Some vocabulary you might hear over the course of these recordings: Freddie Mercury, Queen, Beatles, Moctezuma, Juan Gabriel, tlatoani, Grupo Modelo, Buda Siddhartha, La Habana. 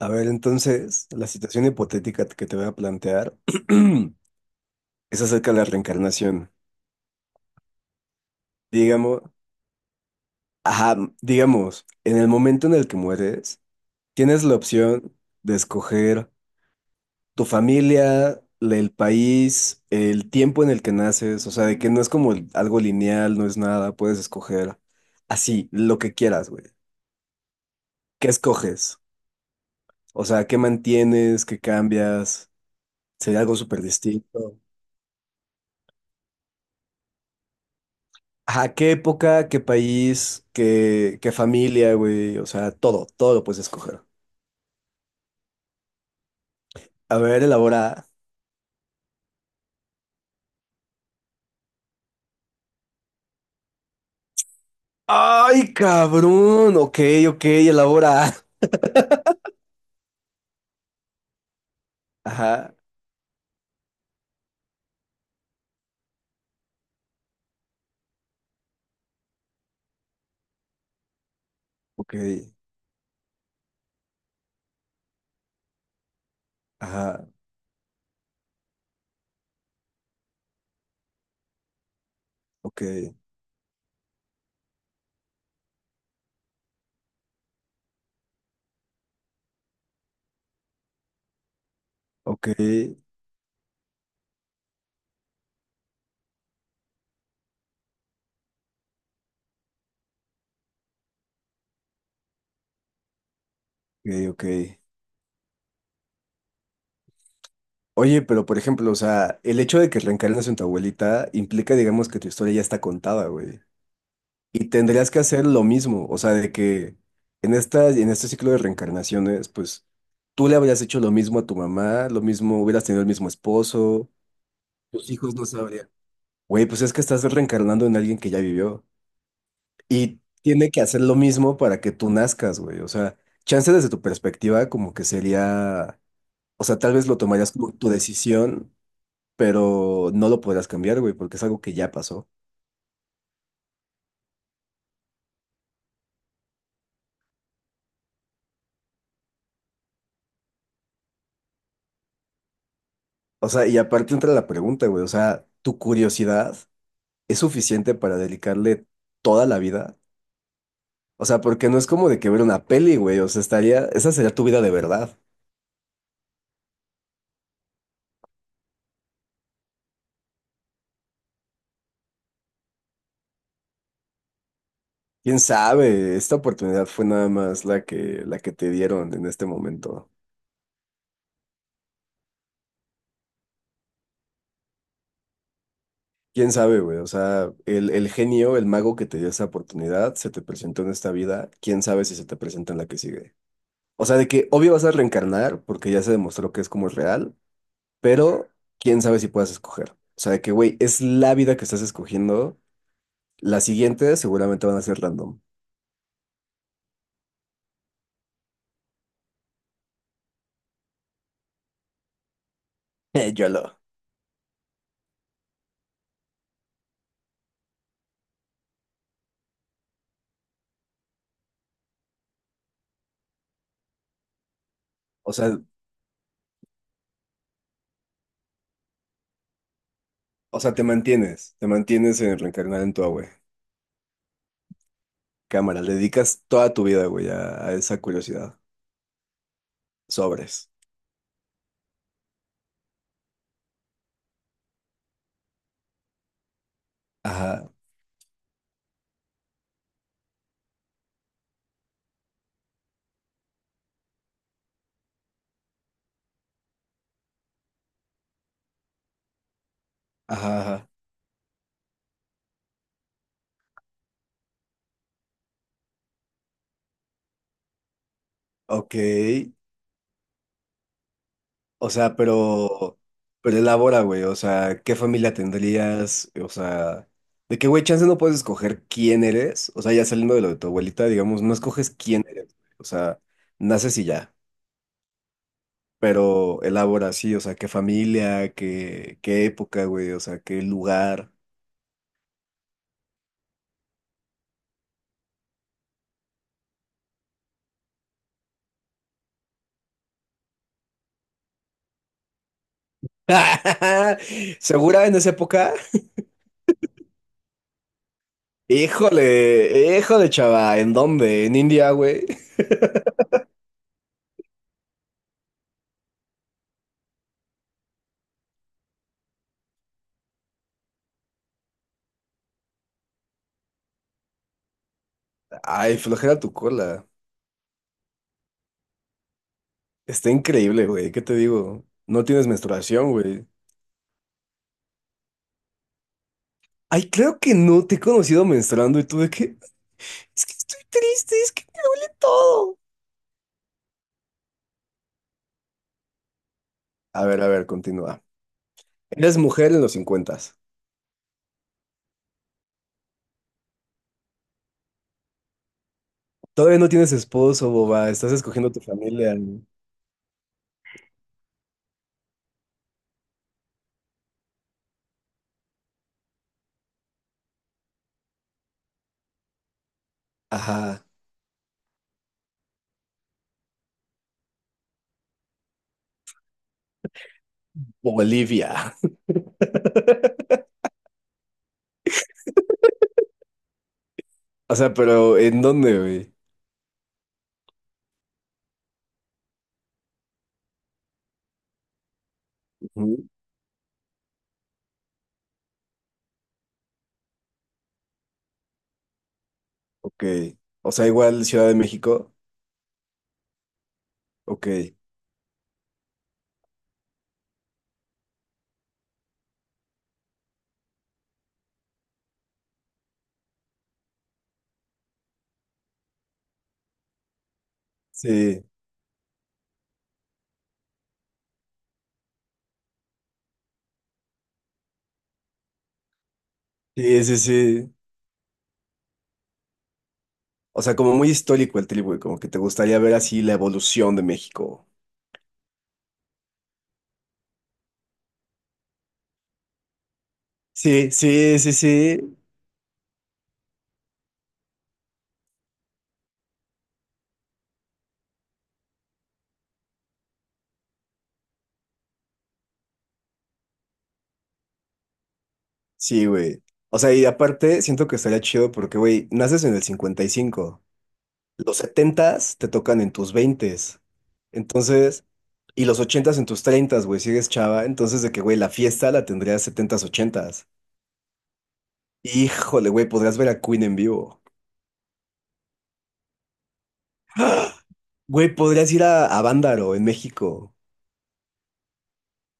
A ver, entonces, la situación hipotética que te voy a plantear es acerca de la reencarnación. Digamos, ajá, digamos, en el momento en el que mueres, tienes la opción de escoger tu familia, el país, el tiempo en el que naces, o sea, de que no es como algo lineal, no es nada, puedes escoger así, lo que quieras, güey. ¿Qué escoges? O sea, ¿qué mantienes? ¿Qué cambias? ¿Sería algo súper distinto? Ajá, qué época, qué país, qué familia, güey. O sea, todo lo puedes escoger. A ver, elabora. ¡Ay, cabrón! Ok, ok, elabora. Ajá, ok, ajá, ok, ok, ok, ok. Oye, pero por ejemplo, o sea, el hecho de que reencarnes en tu abuelita implica, digamos, que tu historia ya está contada, güey. Y tendrías que hacer lo mismo, o sea, de que en este ciclo de reencarnaciones, pues tú le habrías hecho lo mismo a tu mamá, lo mismo, hubieras tenido el mismo esposo, tus hijos no sabrían. Güey, pues es que estás reencarnando en alguien que ya vivió y tiene que hacer lo mismo para que tú nazcas, güey. O sea, chance desde tu perspectiva como que sería, o sea, tal vez lo tomarías como tu decisión, pero no lo podrás cambiar, güey, porque es algo que ya pasó. O sea, y aparte entra la pregunta, güey, o sea, tu curiosidad. Es suficiente para dedicarle toda la vida. O sea, porque no es como de que ver una peli, güey. O sea, estaría, esa sería tu vida de verdad. ¿Quién sabe? Esta oportunidad fue nada más la que te dieron en este momento. ¿Quién sabe, güey? O sea, el genio, el mago que te dio esa oportunidad, se te presentó en esta vida. ¿Quién sabe si se te presenta en la que sigue? O sea, de que obvio vas a reencarnar porque ya se demostró que es como es real, pero quién sabe si puedas escoger. O sea, de que, güey, es la vida que estás escogiendo. Las siguientes seguramente van a ser random. YOLO. O sea, te mantienes en reencarnar en tu abue. Cámara, le dedicas toda tu vida, güey, a esa curiosidad. Sobres. Ajá, ajá, ajá. Ok. O sea, pero elabora, güey. O sea, ¿qué familia tendrías? O sea, de qué, güey, chance no puedes escoger quién eres. O sea, ya saliendo de lo de tu abuelita, digamos, no escoges quién eres, güey. O sea, naces y ya. Pero elabora así, o sea, qué familia, qué época, güey, o sea, qué lugar. ¿Segura en esa época? Híjole, chava, ¿en dónde? ¿En India, güey? Ay, flojera tu cola. Está increíble, güey, ¿qué te digo? No tienes menstruación, güey. Ay, creo que no, te he conocido menstruando y tú de qué. Es que estoy triste, es que me duele todo. A ver, continúa. Eres mujer en los cincuentas. Todavía no tienes esposo, boba, estás escogiendo tu familia, ¿no? Ajá. Bolivia. O sea, pero ¿en dónde, güey? Ujú. Ok. O sea, igual Ciudad de México. Ok. Sí. Sí. O sea, como muy histórico el trip, güey. Como que te gustaría ver así la evolución de México. Sí. Sí, güey. O sea, y aparte, siento que estaría chido porque, güey, naces en el 55. Los setentas te tocan en tus veintes. Entonces, y los ochentas en tus treintas, güey, sigues chava. Entonces, de que, güey, la fiesta la tendrías setentas, ochentas. Híjole, güey, podrías ver a Queen en vivo. ¡Ah! Güey, podrías ir a Bándaro en México.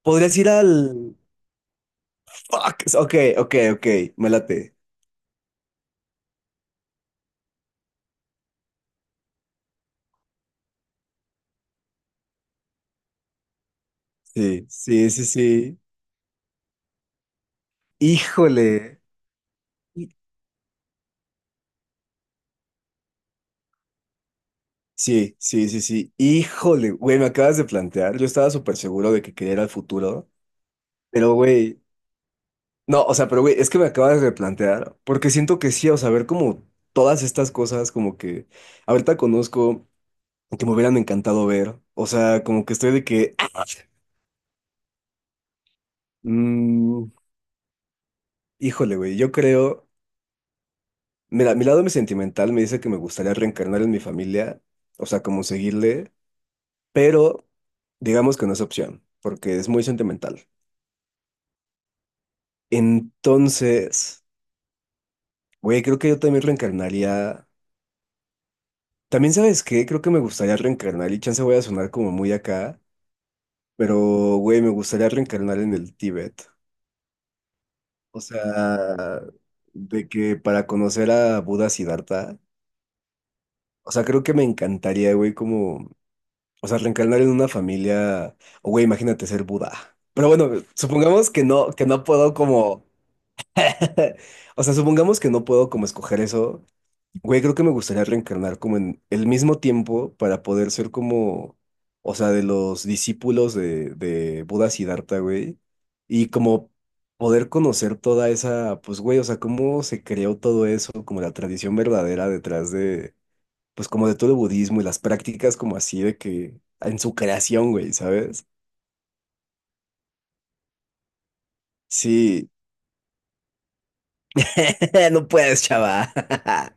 Podrías ir al... Fuck. Ok. Me late. Sí. Híjole. Hí- sí. Híjole, güey, me acabas de plantear. Yo estaba súper seguro de que quería ir al futuro. Pero, güey, no, o sea, pero güey, es que me acabas de plantear, porque siento que sí, o sea, ver como todas estas cosas, como que ahorita conozco, que me hubieran encantado ver, o sea, como que estoy de que, ¡ah! Mm, híjole, güey, yo creo, mira, mi lado mi sentimental me dice que me gustaría reencarnar en mi familia, o sea, como seguirle, pero digamos que no es opción, porque es muy sentimental. Entonces, güey, creo que yo también reencarnaría. También, ¿sabes qué? Creo que me gustaría reencarnar y chance voy a sonar como muy acá, pero, güey, me gustaría reencarnar en el Tíbet. O sea, de que para conocer a Buda Siddhartha, o sea, creo que me encantaría, güey, como, o sea, reencarnar en una familia, o, güey, imagínate ser Buda. Pero bueno, supongamos que no puedo como o sea, supongamos que no puedo como escoger eso. Güey, creo que me gustaría reencarnar como en el mismo tiempo para poder ser como, o sea, de los discípulos de Buda Siddhartha, güey. Y como poder conocer toda esa, pues, güey, o sea, cómo se creó todo eso, como la tradición verdadera detrás de, pues, como de todo el budismo y las prácticas como así de que, en su creación, güey, ¿sabes? Sí, no puedes, chava.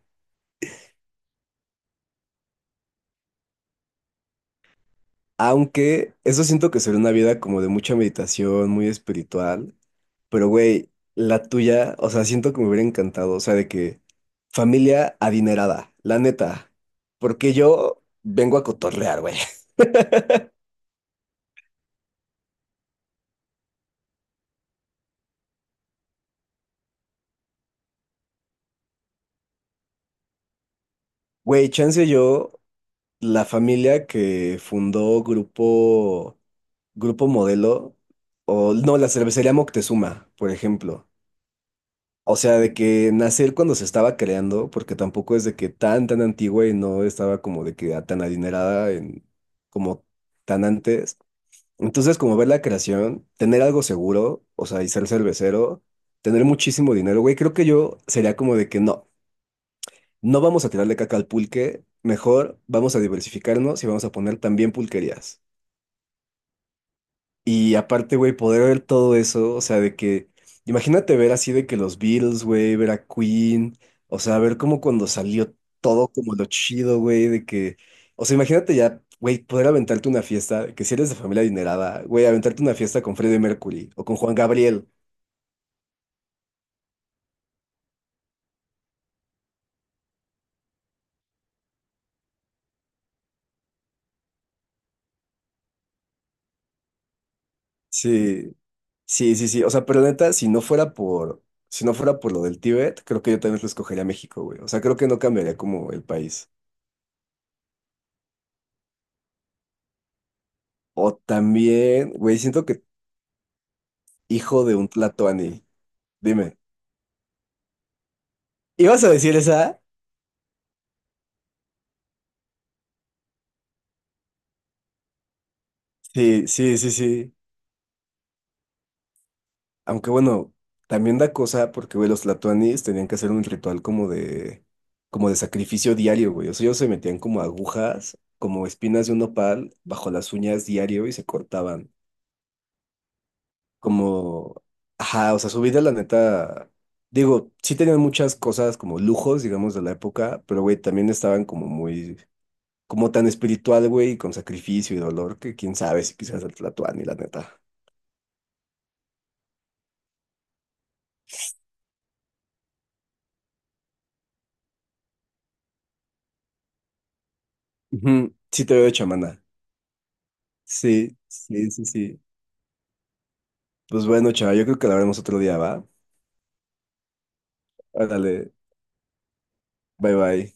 Aunque eso siento que sería una vida como de mucha meditación, muy espiritual. Pero, güey, la tuya, o sea, siento que me hubiera encantado. O sea, de que familia adinerada, la neta. Porque yo vengo a cotorrear, güey. Güey, chance yo, la familia que fundó Grupo Modelo, o no, la cervecería Moctezuma, por ejemplo. O sea, de que nacer cuando se estaba creando, porque tampoco es de que tan antigua y no estaba como de que tan adinerada en, como tan antes. Entonces, como ver la creación, tener algo seguro, o sea, y ser cervecero, tener muchísimo dinero, güey, creo que yo sería como de que no, no vamos a tirarle caca al pulque, mejor vamos a diversificarnos y vamos a poner también pulquerías. Y aparte, güey, poder ver todo eso, o sea, de que, imagínate ver así de que los Beatles, güey, ver a Queen, o sea, ver como cuando salió todo como lo chido, güey, de que, o sea, imagínate ya, güey, poder aventarte una fiesta, que si eres de familia adinerada, güey, aventarte una fiesta con Freddie Mercury o con Juan Gabriel. Sí, sí, o sea, pero neta, si no fuera por lo del Tíbet, creo que yo también lo escogería México, güey, o sea, creo que no cambiaría como el país. O también, güey, siento que hijo de un tlatoani. Dime. ¿Ibas a decir esa? Sí. Aunque bueno, también da cosa porque, güey, los latuanis tenían que hacer un ritual como de sacrificio diario, güey. O sea, ellos se metían como agujas, como espinas de un nopal bajo las uñas diario y se cortaban. Como, ajá, o sea, su vida, la neta, digo, sí tenían muchas cosas como lujos, digamos, de la época, pero, güey, también estaban como muy, como tan espiritual, güey, y con sacrificio y dolor que quién sabe si quizás el tlatoani, la neta. Ujú, sí te veo de chamana. Sí. Pues bueno, chaval, yo creo que la veremos otro día, ¿va? Órale, bye bye.